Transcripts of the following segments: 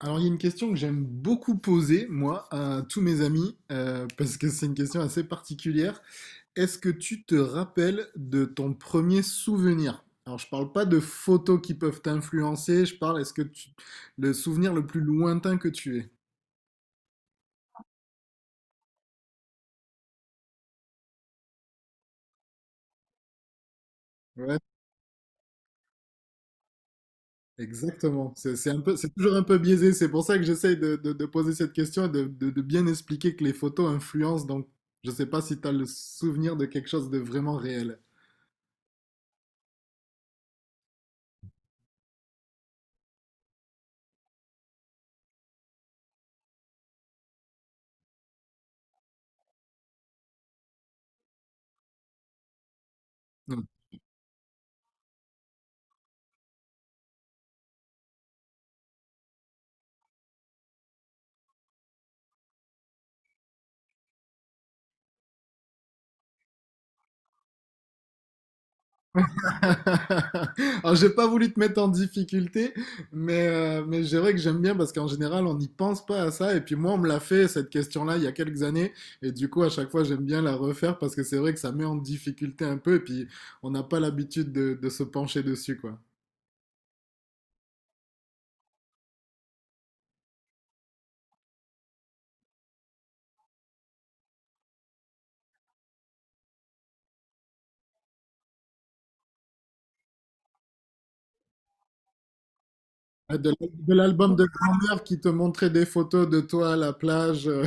Alors, il y a une question que j'aime beaucoup poser, moi, à tous mes amis, parce que c'est une question assez particulière. Est-ce que tu te rappelles de ton premier souvenir? Alors, je parle pas de photos qui peuvent t'influencer, je parle, est-ce que tu... le souvenir le plus lointain que tu aies? Ouais, exactement. C'est un peu, c'est toujours un peu biaisé, c'est pour ça que j'essaye de poser cette question et de bien expliquer que les photos influencent, donc je sais pas si tu as le souvenir de quelque chose de vraiment réel. Alors, j'ai pas voulu te mettre en difficulté, mais c'est vrai que j'aime bien parce qu'en général, on n'y pense pas à ça. Et puis moi, on me l'a fait, cette question-là, il y a quelques années. Et du coup, à chaque fois, j'aime bien la refaire parce que c'est vrai que ça met en difficulté un peu. Et puis, on n'a pas l'habitude de se pencher dessus, quoi. Ah, de l'album de grand-mère qui te montrait des photos de toi à la plage,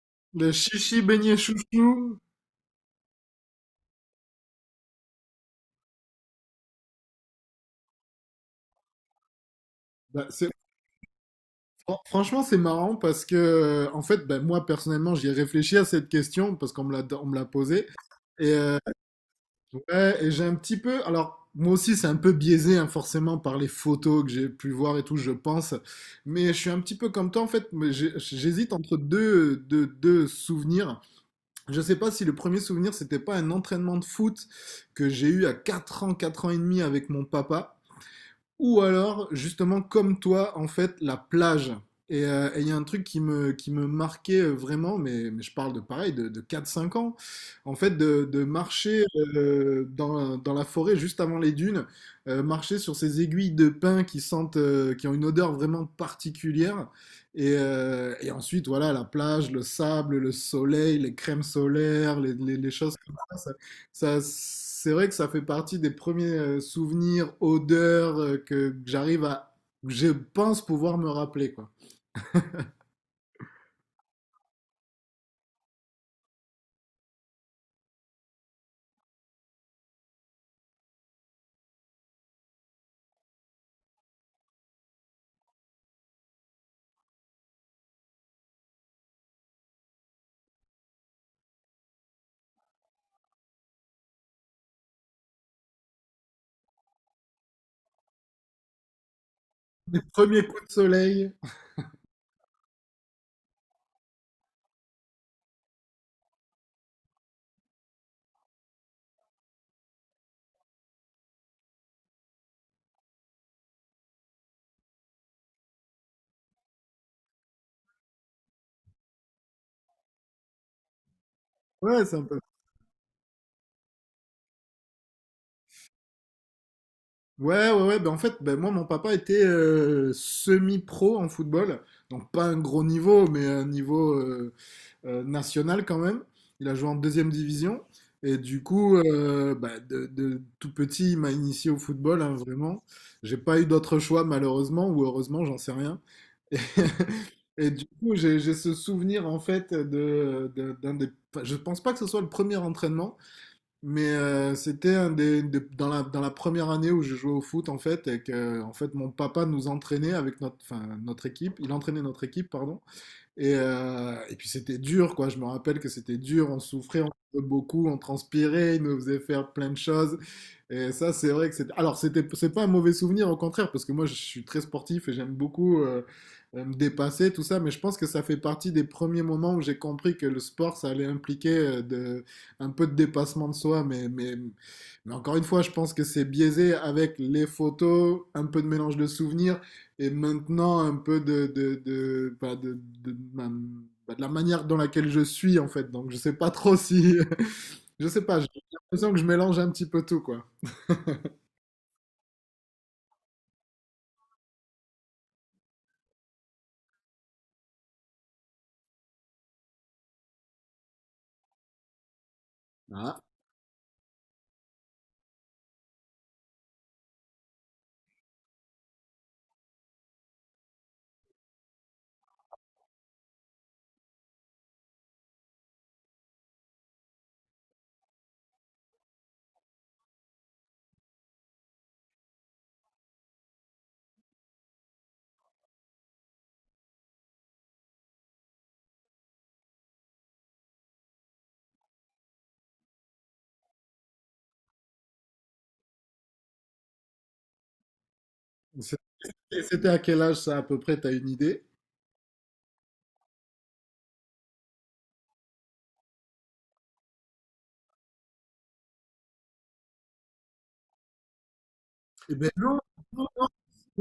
le chichi beignet chouchou. Bah, c'est- Franchement, c'est marrant parce que, en fait, ben, moi personnellement, j'y ai réfléchi à cette question parce qu'on me l'a posée. Et, ouais, et j'ai un petit peu. Alors, moi aussi, c'est un peu biaisé, hein, forcément, par les photos que j'ai pu voir et tout, je pense. Mais je suis un petit peu comme toi, en fait, mais j'hésite entre deux souvenirs. Je sais pas si le premier souvenir, c'était pas un entraînement de foot que j'ai eu à 4 ans, 4 ans et demi avec mon papa. Ou alors, justement, comme toi, en fait, la plage. Et il y a un truc qui me marquait vraiment, mais je parle de pareil, de 4-5 ans, en fait, de marcher dans la forêt juste avant les dunes, marcher sur ces aiguilles de pin qui sentent, qui ont une odeur vraiment particulière. Et ensuite, voilà, la plage, le sable, le soleil, les crèmes solaires, les choses comme ça, c'est vrai que ça fait partie des premiers souvenirs, odeurs que j'arrive à, que je pense pouvoir me rappeler, quoi. Les premiers coups de soleil. Ouais, c'est un peu. Ouais, ouais, ouais. Ben, en fait, ben, moi, mon papa était semi-pro en football. Donc, pas un gros niveau, mais un niveau national quand même. Il a joué en deuxième division. Et du coup, bah, de tout petit, il m'a initié au football, hein, vraiment. J'ai pas eu d'autre choix, malheureusement, ou heureusement, j'en sais rien. Et du coup, j'ai ce souvenir en fait d'un des. Enfin, je pense pas que ce soit le premier entraînement, mais c'était un dans la première année où je jouais au foot en fait, et que en fait mon papa nous entraînait avec notre, enfin, notre équipe. Il entraînait notre équipe, pardon. Et puis c'était dur quoi. Je me rappelle que c'était dur. On souffrait beaucoup, on transpirait, il nous faisait faire plein de choses. Et ça, c'est vrai que c'est. Alors, c'était, c'est pas un mauvais souvenir, au contraire, parce que moi, je suis très sportif et j'aime beaucoup me dépasser, tout ça. Mais je pense que ça fait partie des premiers moments où j'ai compris que le sport, ça allait impliquer un peu de dépassement de soi. Mais encore une fois, je pense que c'est biaisé avec les photos, un peu de mélange de souvenirs et maintenant un peu de, bah, de ma- bah, de la manière dans laquelle je suis, en fait. Donc, je sais pas trop si. Je sais pas, j'ai l'impression que je mélange un petit peu tout, quoi. Ah. C'était c'était à quel âge ça à peu près, t'as une idée? Eh ben non.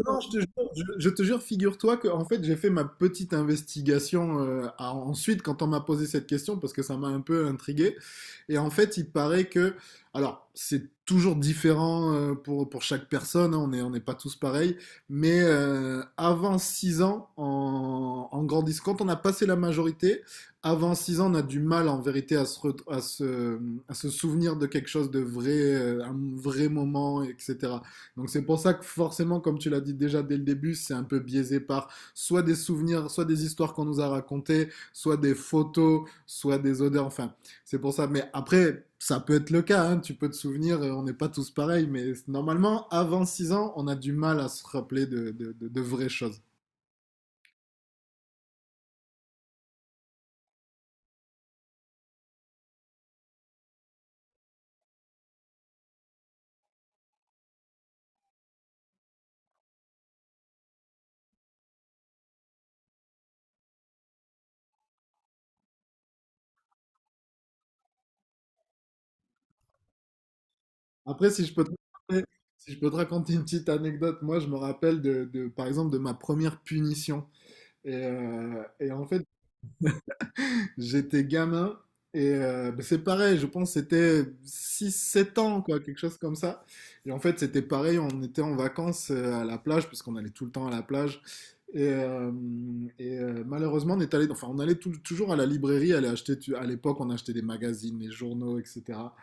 Non, je te jure, je te jure, figure-toi que en fait j'ai fait ma petite investigation ensuite quand on m'a posé cette question parce que ça m'a un peu intrigué. Et en fait, il paraît que, alors c'est toujours différent pour chaque personne, hein, on n'est pas tous pareils, mais avant 6 ans, en grandissant, quand on a passé la majorité, avant 6 ans, on a du mal en vérité à se, re- à se souvenir de quelque chose de vrai, un vrai moment, etc. Donc c'est pour ça que forcément, comme tu l'as dit déjà dès le début, c'est un peu biaisé par soit des souvenirs, soit des histoires qu'on nous a racontées, soit des photos, soit des odeurs, enfin, c'est pour ça. Mais après, ça peut être le cas, hein, tu peux te souvenir, on n'est pas tous pareils, mais normalement, avant 6 ans, on a du mal à se rappeler de vraies choses. Après, si je peux te raconter, si je peux te raconter une petite anecdote, moi je me rappelle par exemple de ma première punition. Et en fait, j'étais gamin et bah, c'est pareil, je pense que c'était 6 7 ans, quoi, quelque chose comme ça. Et en fait, c'était pareil, on était en vacances à la plage, puisqu'on allait tout le temps à la plage. Et, malheureusement, on est allé, enfin, on allait toujours à la librairie, aller acheter, à l'époque, on achetait des magazines, des journaux, etc.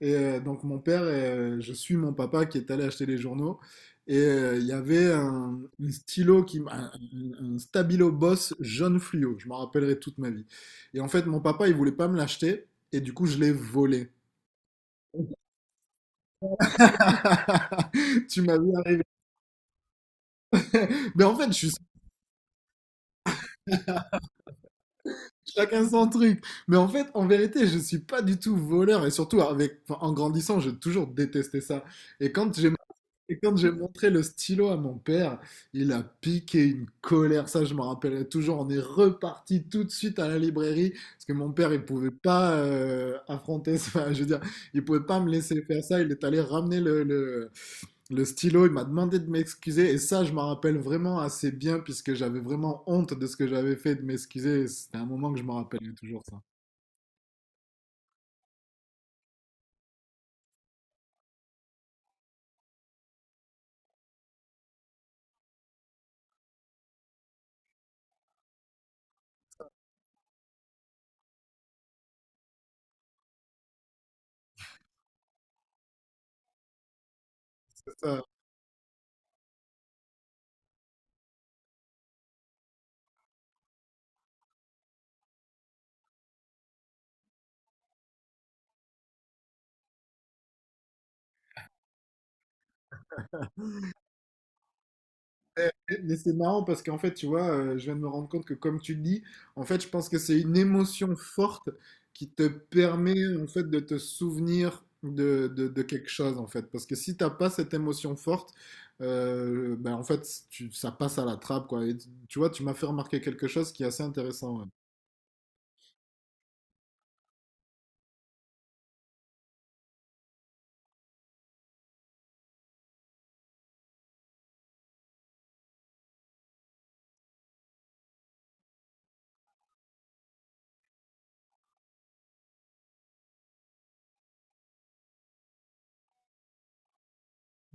Et donc, je suis mon papa qui est allé acheter les journaux. Et il y avait un stylo, qui, m- un Stabilo Boss jaune fluo, je m'en rappellerai toute ma vie. Et en fait, mon papa, il voulait pas me l'acheter. Et du coup, je l'ai volé. Tu m'as vu arriver. Mais en fait, je suis chacun son truc. Mais en fait, en vérité, je suis pas du tout voleur. Et surtout, avec, enfin, en grandissant, j'ai toujours détesté ça. Et quand j'ai et quand j'ai montré le stylo à mon père, il a piqué une colère, ça je me rappellerai toujours. On est reparti tout de suite à la librairie parce que mon père il pouvait pas affronter ça, je veux dire, il pouvait pas me laisser faire ça. Il est allé ramener le stylo, il m'a demandé de m'excuser et ça, je m'en rappelle vraiment assez bien puisque j'avais vraiment honte de ce que j'avais fait de m'excuser. Et c'était un moment que je m'en rappelle toujours ça. Ça. Eh, eh, mais c'est marrant parce qu'en fait, tu vois, je viens de me rendre compte que comme tu le dis, en fait, je pense que c'est une émotion forte qui te permet en fait de te souvenir de quelque chose en fait. Parce que si t'as pas cette émotion forte, ben en fait, ça passe à la trappe quoi. Et tu vois, tu m'as fait remarquer quelque chose qui est assez intéressant. Ouais.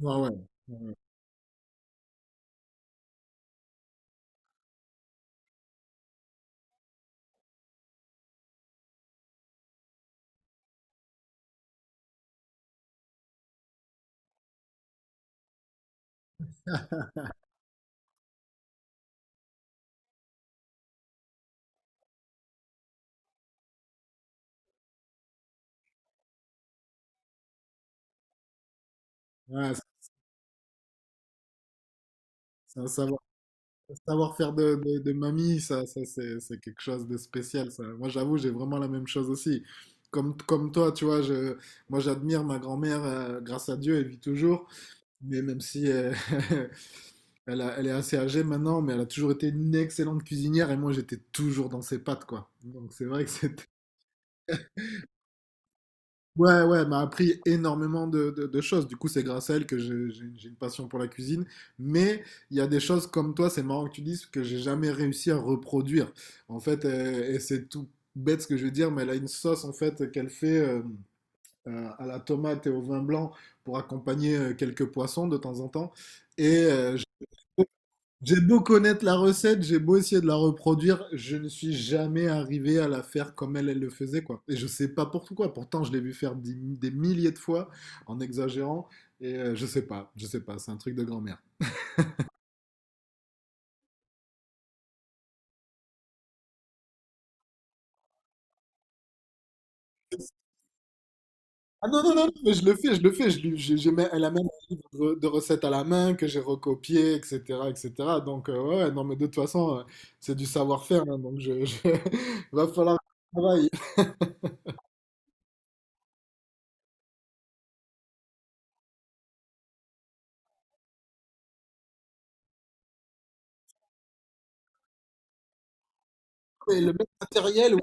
Ouais, ouais. Ouais. Ouais, ouais. C'est un savoir, un savoir-faire de mamie, ça c'est quelque chose de spécial. Ça. Moi, j'avoue, j'ai vraiment la même chose aussi. Comme, comme toi, tu vois, moi, j'admire ma grand-mère, grâce à Dieu, elle vit toujours. Mais même si elle est assez âgée maintenant, mais elle a toujours été une excellente cuisinière et moi, j'étais toujours dans ses pattes, quoi. Donc, c'est vrai que c'était. Ouais, ouais, elle m'a appris énormément de choses. Du coup, c'est grâce à elle que j'ai une passion pour la cuisine. Mais il y a des choses comme toi, c'est marrant que tu dises, que j'ai jamais réussi à reproduire. En fait, et c'est tout bête ce que je veux dire, mais elle a une sauce en fait qu'elle fait à la tomate et au vin blanc pour accompagner quelques poissons de temps en temps. Et j'ai beau connaître la recette, j'ai beau essayer de la reproduire, je ne suis jamais arrivé à la faire comme elle, elle le faisait, quoi. Et je sais pas pourquoi. Pourtant, je l'ai vu faire des milliers de fois en exagérant. Et je sais pas, c'est un truc de grand-mère. Ah non, non, non, non, mais je le fais, je le fais. Je, lui- j'ai même- Elle a même un livre de recettes à la main que j'ai recopié, etc., etc. Donc, ouais, ouais, non, mais de toute façon, c'est du savoir-faire, hein, donc, va falloir travailler. Et le même matériel, ouais,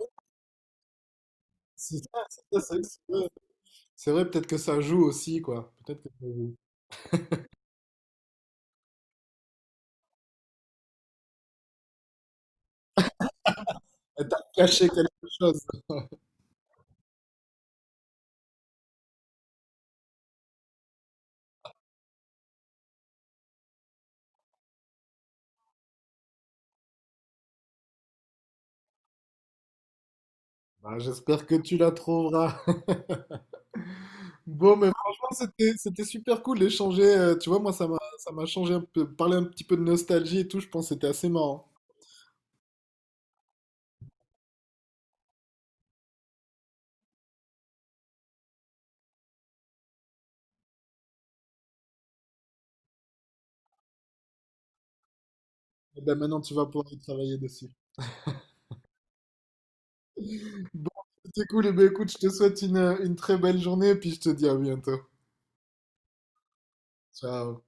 c'est ça. C'est vrai, peut-être que ça joue aussi, quoi. Peut-être que ça joue. Elle t'a caché quelque chose. Bah, j'espère que tu la trouveras. Bon, mais franchement, c'était super cool d'échanger. Tu vois, moi, ça m'a changé un peu. Parler un petit peu de nostalgie et tout, je pense que c'était assez marrant. Et ben, maintenant, tu vas pouvoir y travailler dessus. Bon, c'était cool. Et ben, écoute, je te souhaite une très belle journée et puis je te dis à bientôt. Ciao.